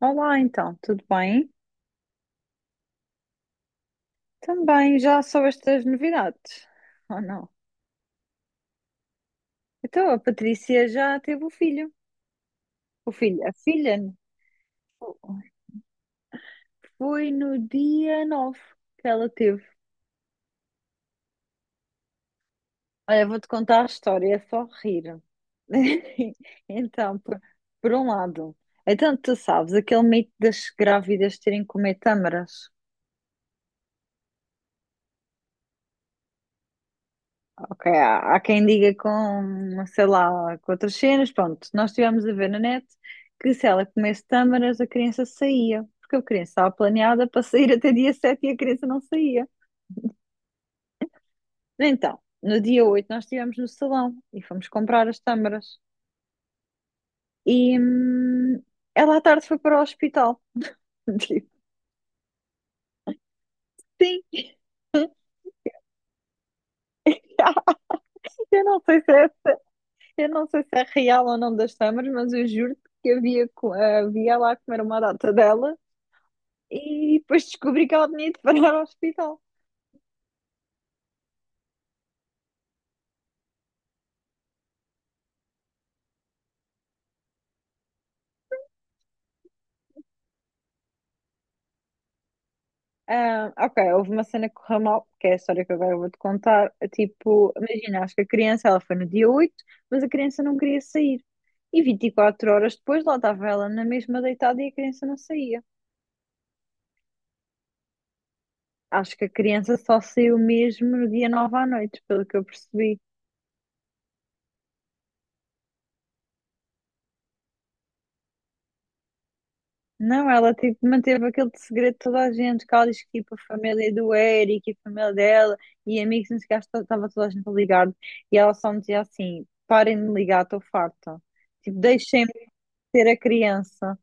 Olá, então, tudo bem? Também já soubeste das novidades? Ou não? Então, a Patrícia já teve o filho. O filho, a filha, né? Foi no dia 9 que ela teve. Olha, vou-te contar a história, é só rir. Então, por um lado, então tu sabes aquele mito das grávidas terem que comer tâmaras? Ok, há quem diga com, sei lá, com outras cenas, pronto, nós estivemos a ver na net que se ela comesse tâmaras a criança saía, porque a criança estava planeada para sair até dia 7 e a criança não saía. Então, no dia 8 nós estivemos no salão e fomos comprar as tâmaras e ela à tarde foi para o hospital. Tipo, sim, eu não sei se é real ou não das tâmaras, mas eu juro que havia, havia lá a comer uma data dela. E depois descobri que ela tinha de parar ao hospital. Ah, ok, houve uma cena que correu mal, que é a história que agora eu vou-te contar. Tipo, imagina, acho que a criança, ela foi no dia 8, mas a criança não queria sair. E 24 horas depois, lá estava ela na mesma deitada e a criança não saía. Acho que a criança só saiu mesmo no dia 9 à noite, pelo que eu percebi. Não, ela tipo, manteve aquele segredo de toda a gente, que ela disse que tipo, a família do Eric e a família dela e amigos, não sei o que, acho que estava toda a gente a, e ela só me dizia assim, parem de me ligar, estou farta, tipo, deixem-me ter a criança.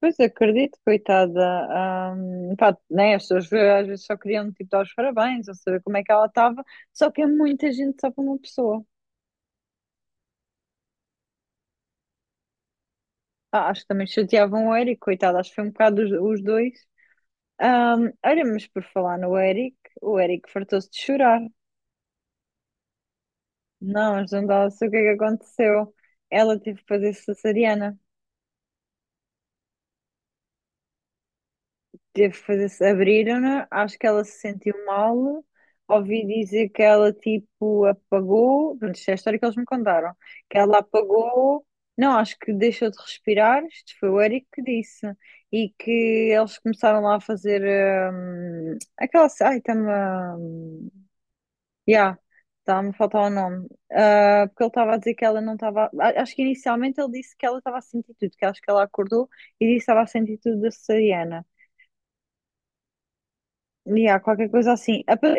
Pois acredito, coitada, pá, né, as pessoas às vezes só queriam tipo, dar os parabéns ou saber como é que ela estava, só que é muita gente só para uma pessoa. Ah, acho que também chateavam o Eric, coitado, acho que foi um bocado os dois. Olha, mas por falar no Eric, o Eric fartou-se de chorar. Não, mas não dá sei o que é que aconteceu. Ela teve que fazer cesariana, teve que fazer, abriram-na, acho que ela se sentiu mal. Ouvi dizer que ela tipo apagou, pronto, isto é a história que eles me contaram, que ela apagou, não, acho que deixou de respirar, isto foi o Eric que disse, e que eles começaram lá a fazer aquela, ai, está. Yeah, tá me faltar o nome. Ah, porque ele estava a dizer que ela não estava. Acho que inicialmente ele disse que ela estava a sentir tudo, que acho que ela acordou e disse que estava a sentir tudo da cesariana. E há qualquer coisa assim.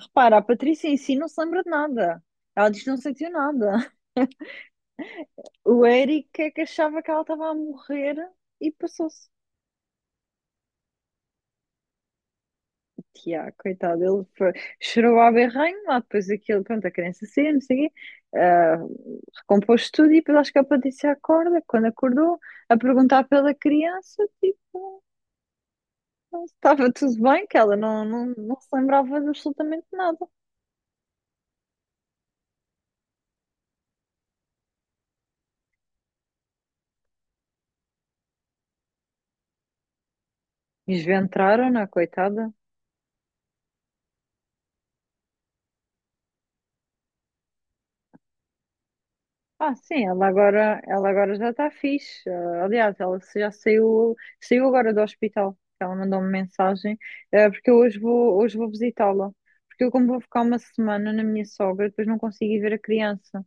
Repara, a Patrícia em si não se lembra de nada. Ela diz que não sentiu nada. O Eric é que achava que ela estava a morrer e passou-se. Yeah, coitado, chorou à berranho, lá depois aquilo, pronto, a criança saiu, não sei o quê, ah, recompôs tudo e depois acho que a Patrícia acorda, quando acordou, a perguntar pela criança, tipo, se estava tudo bem, que ela não se lembrava de absolutamente nada. Esventraram-na, coitada. Ah, sim, ela agora já está fixe. Ah, aliás, ela já saiu, saiu agora do hospital. Ela mandou-me mensagem, eh, porque hoje vou visitá-la. Porque eu, como vou ficar uma semana na minha sogra, depois não consigo ir ver a criança.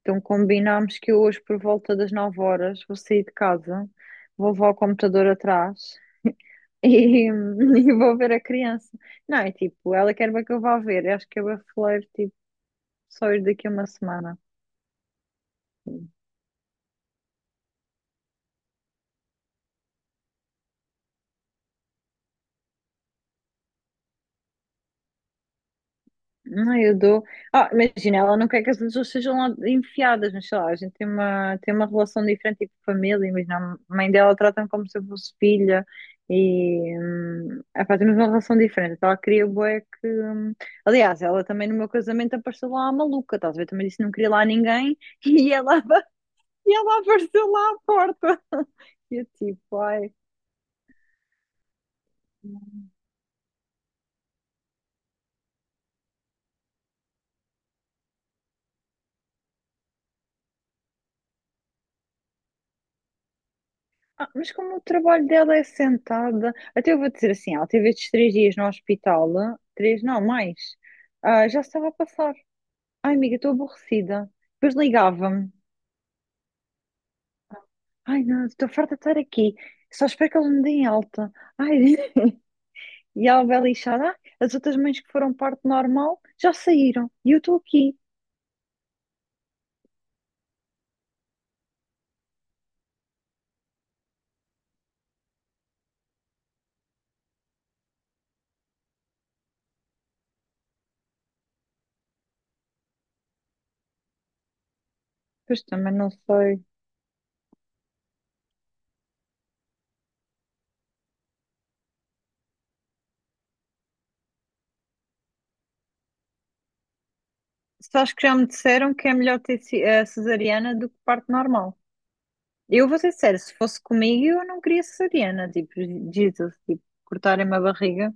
Então combinámos que eu hoje, por volta das 9 horas, vou sair de casa, vou levar o computador atrás e vou ver a criança. Não, é tipo, ela quer bem que eu vá ver. Eu acho que eu vou falar tipo, só ir daqui a uma semana. Não, eu dou. Ah, imagina, ela não quer que as pessoas sejam lá enfiadas, mas sei lá, a gente tem tem uma relação diferente, tipo família. Imagina, a mãe dela trata-me como se eu fosse filha e. Epá, temos uma relação diferente. Então ela queria bué que. Aliás, ela também no meu casamento apareceu lá a maluca, estás a ver? Também disse que não queria lá ninguém e ela, e ela apareceu lá à porta. E eu tipo, ai. Ah, mas como o trabalho dela é sentada, até eu vou dizer assim, ela teve estes 3 dias no hospital, ah, 3 não, mais, ah, já estava a passar. Ai, amiga, estou aborrecida. Depois ligava-me. Ai, não, estou farta de estar aqui. Só espero que eles me deem alta. Ai, e ela vai lixada. Ah, as outras mães que foram parte normal já saíram. E eu estou aqui. Pois também não sei. Só acho que já me disseram que é melhor ter cesariana do que parte normal. Eu vou ser sincera, se fosse comigo, eu não queria cesariana, tipo, Jesus, tipo, cortarem-me a barriga.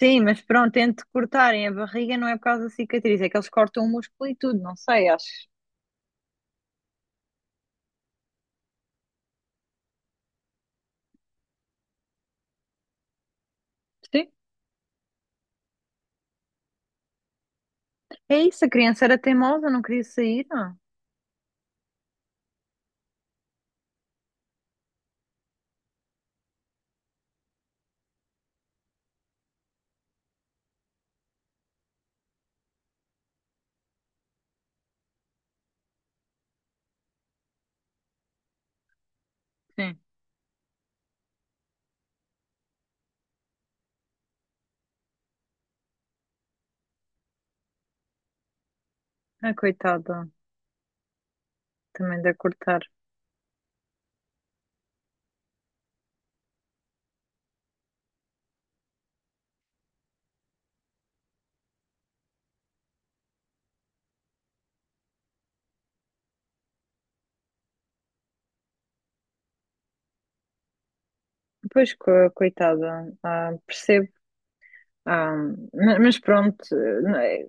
Sim, mas pronto, entre cortarem a barriga não é por causa da cicatriz, é que eles cortam o músculo e tudo, não sei, acho. Sim. É isso, a criança era teimosa, não queria sair. Não. Sim. Ah, coitada, também da cortar. Pois, coitada, ah, percebo. Ah, mas pronto, não é-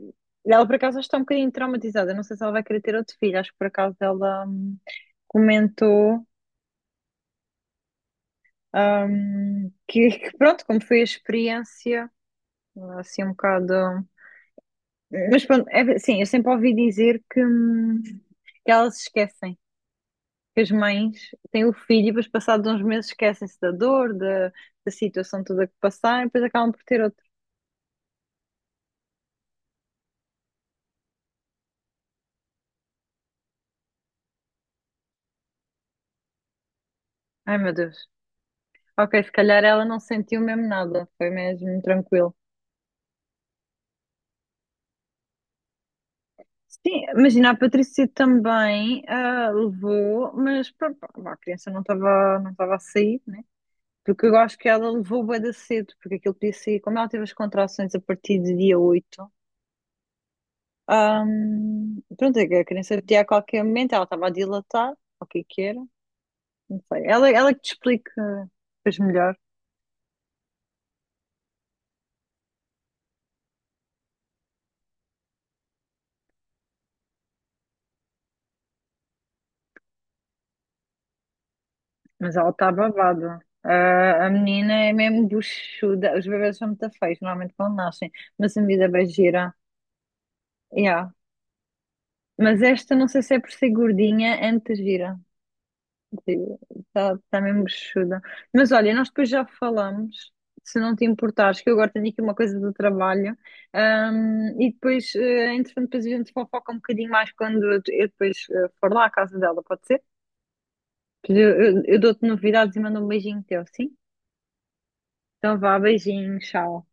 ela por acaso está um bocadinho traumatizada, não sei se ela vai querer ter outro filho, acho que por acaso ela comentou. Que pronto, como foi a experiência, assim um bocado. Mas pronto, é, sim, eu sempre ouvi dizer que elas se esquecem, que as mães têm o filho e depois, passados uns meses, esquecem-se da dor, da situação toda que passaram e depois acabam por ter outro. Ai meu Deus. Ok, se calhar ela não sentiu mesmo nada, foi mesmo tranquilo. Sim, imagina, a Patrícia também ah, levou, mas pronto, pá, a criança não estava a sair. Porque eu acho que ela levou bué da cedo, porque aquilo podia ser como ela teve as contrações a partir de dia 8, pronto, é que a criança podia a qualquer momento, ela estava a dilatar, ou o que é que era, não sei. Ela que te explica depois melhor, mas ela está babada. Ah, a menina é mesmo buchuda, os bebês são muito feios, normalmente quando nascem, mas a vida bem gira, yeah. Mas esta não sei se é por ser gordinha, antes gira. Está tá mesmo bichuda. Mas olha, nós depois já falamos, se não te importares, que eu agora tenho aqui uma coisa do trabalho. E depois, eh, entretanto, depois a gente fofoca um bocadinho mais quando eu depois for lá à casa dela, pode ser? Depois eu dou-te novidades e mando um beijinho teu, sim? Então vá, beijinho, tchau.